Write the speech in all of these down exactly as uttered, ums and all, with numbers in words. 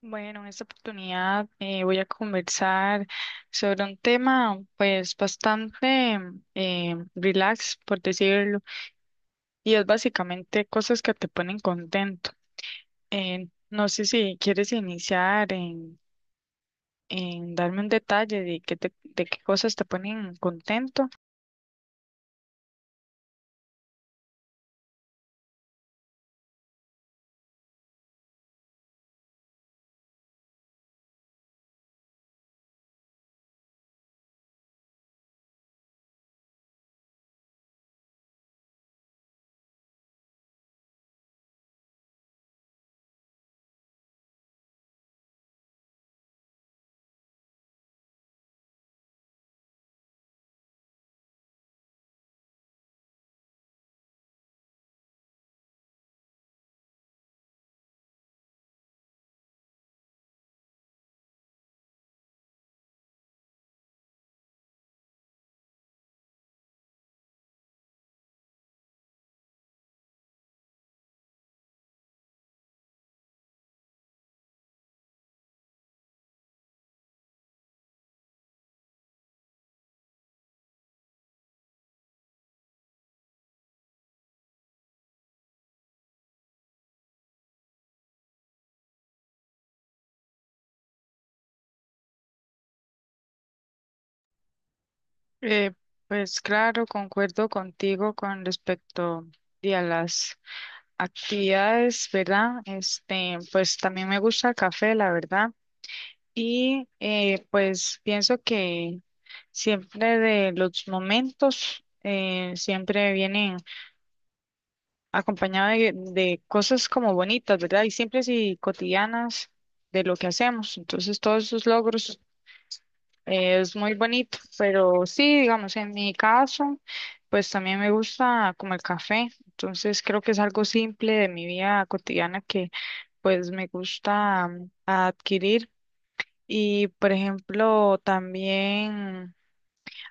Bueno, en esta oportunidad eh, voy a conversar sobre un tema pues bastante eh, relax, por decirlo, y es básicamente cosas que te ponen contento. Eh, no sé si quieres iniciar en, en darme un detalle de qué te- de qué cosas te ponen contento. Eh, pues claro, concuerdo contigo con respecto de a las actividades, ¿verdad? Este, pues también me gusta el café, la verdad. Y eh, pues pienso que siempre de los momentos eh, siempre vienen acompañados de, de cosas como bonitas, ¿verdad? Y simples y cotidianas de lo que hacemos. Entonces todos esos logros eh, es muy bonito, pero sí, digamos, en mi caso, pues también me gusta como el café. Entonces creo que es algo simple de mi vida cotidiana que pues me gusta mm, adquirir. Y, por ejemplo, también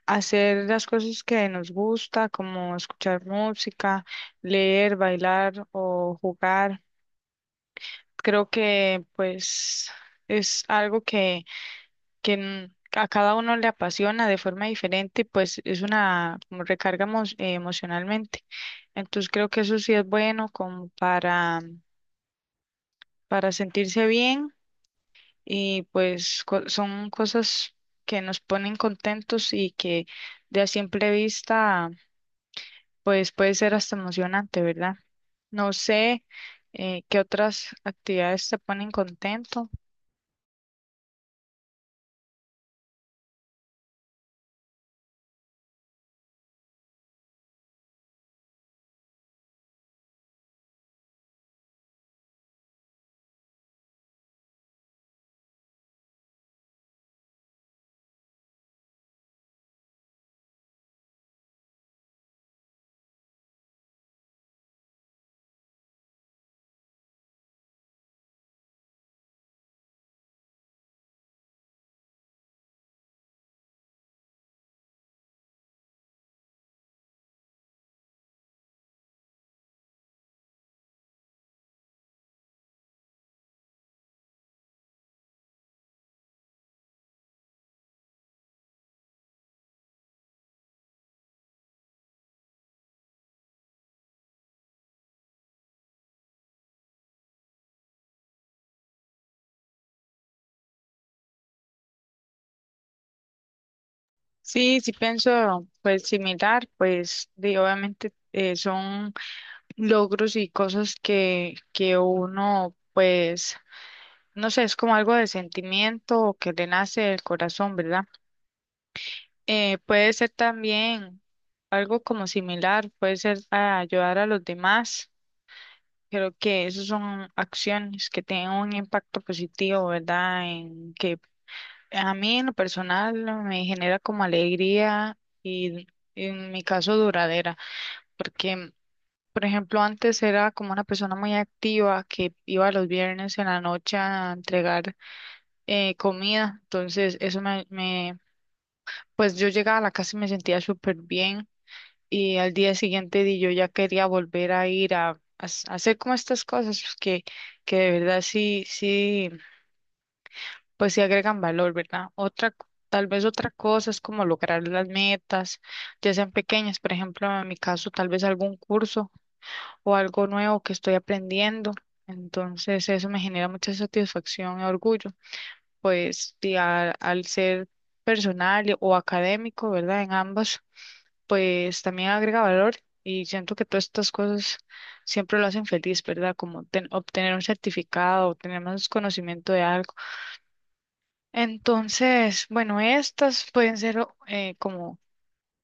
hacer las cosas que nos gusta, como escuchar música, leer, bailar o jugar. Creo que, pues, es algo que, que n- a cada uno le apasiona de forma diferente, y, pues es una como recarga emo- eh, emocionalmente. Entonces, creo que eso sí es bueno como para, para sentirse bien y pues co- son cosas que nos ponen contentos y que de a simple vista pues puede ser hasta emocionante, ¿verdad? No sé eh, qué otras actividades te ponen contento. Sí, sí pienso pues similar, pues de, obviamente eh, son logros y cosas que, que uno pues, no sé, es como algo de sentimiento o que le nace del corazón, ¿verdad? Eh, puede ser también algo como similar, puede ser a ayudar a los demás. Creo que esas son acciones que tienen un impacto positivo, ¿verdad? En que a mí en lo personal me genera como alegría y en mi caso duradera, porque por ejemplo antes era como una persona muy activa que iba los viernes en la noche a entregar eh, comida, entonces eso me, me pues yo llegaba a la casa y me sentía súper bien y al día siguiente di, yo ya quería volver a ir a, a s- a hacer como estas cosas pues, que, que de verdad sí, sí, pues sí agregan valor, ¿verdad? Otra, c- tal vez otra cosa es como lograr las metas, ya sean pequeñas, por ejemplo, en mi caso, tal vez algún curso o algo nuevo que estoy aprendiendo. Entonces eso me genera mucha satisfacción y orgullo, pues y a- al ser personal y- o académico, ¿verdad? En ambas pues también agrega valor y siento que todas estas cosas siempre lo hacen feliz, ¿verdad? Como ten- obtener un certificado, obtener más conocimiento de algo. Entonces, bueno, estas pueden ser o- eh, como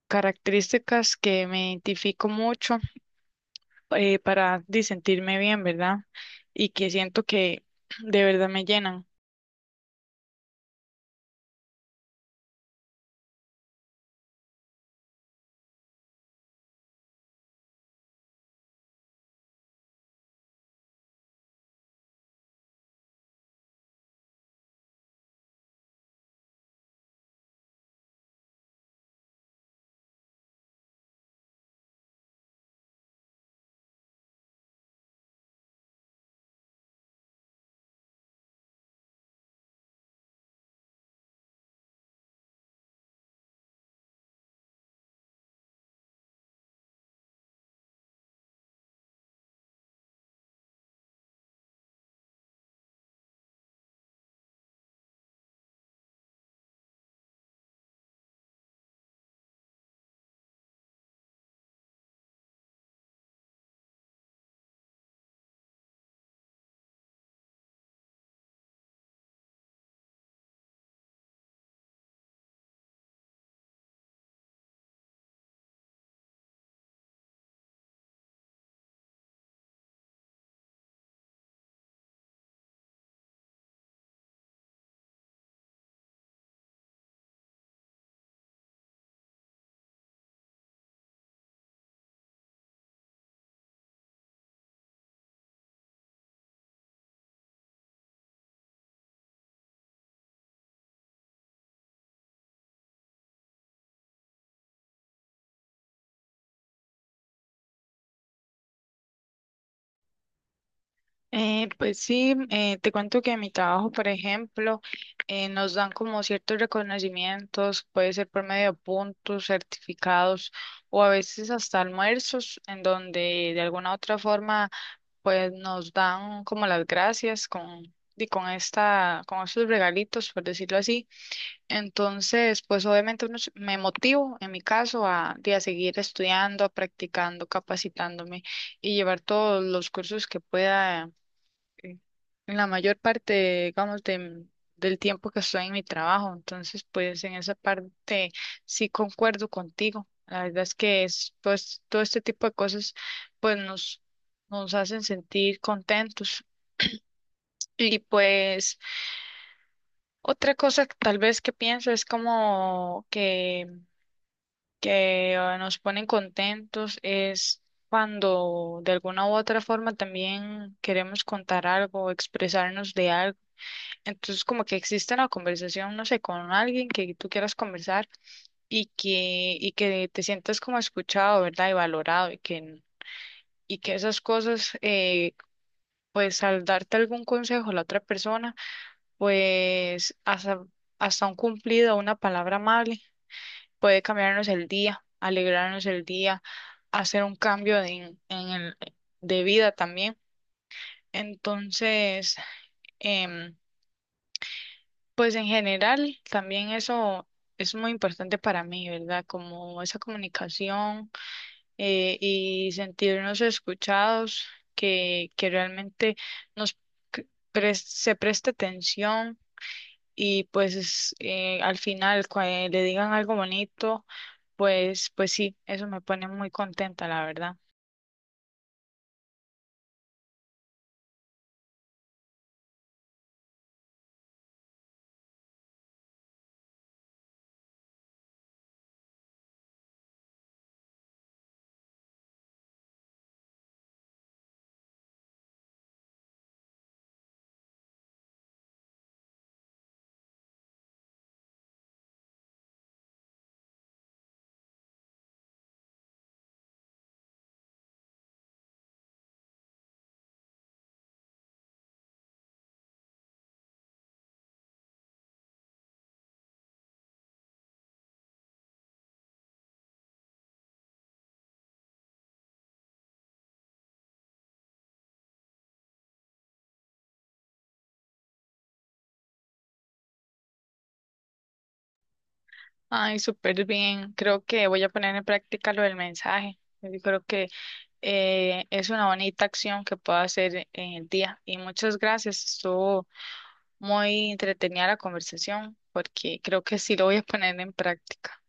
características que me identifico mucho eh, para di, sentirme bien, ¿verdad? Y que siento que de verdad me llenan. Eh, pues sí, eh, te cuento que en mi trabajo, por ejemplo, eh, nos dan como ciertos reconocimientos, puede ser por medio de puntos, certificados o a veces hasta almuerzos, en donde de alguna u otra forma pues nos dan como las gracias con, y con esta, con estos regalitos, por decirlo así. Entonces, pues obviamente uno se- me motivo en mi caso a, de a seguir estudiando, practicando, capacitándome y llevar todos los cursos que pueda eh, en la mayor parte, digamos, de- del tiempo que estoy en mi trabajo. Entonces, pues en esa parte sí concuerdo contigo. La verdad es que es, pues, todo este tipo de cosas, pues nos, nos hacen sentir contentos. Y pues otra cosa que tal vez que pienso es como que, que eh, nos ponen contentos es cuando de alguna u otra forma también queremos contar algo, expresarnos de algo. Entonces, como que existe la conversación, no sé, con alguien que tú quieras conversar y que, y que te sientas como escuchado, ¿verdad? Y valorado y que, y que esas cosas, eh, pues al darte algún consejo a la otra persona, pues hasta, hasta un cumplido, una palabra amable, puede cambiarnos el día, alegrarnos el día, hacer un cambio de- en el, de vida también. Entonces, em, pues en general, también eso es muy importante para mí, ¿verdad? Como esa comunicación eh, y sentirnos escuchados, que, que realmente nos c- pres- se preste atención y pues es, eh, al final cuando le digan algo bonito, pues, pues sí, eso me pone muy contenta, la verdad. Ay, súper bien. Creo que voy a poner en práctica lo del mensaje. Yo creo que eh, es una bonita acción que puedo hacer en el día. Y muchas gracias, estuvo muy entretenida la conversación porque creo que sí lo voy a poner en práctica.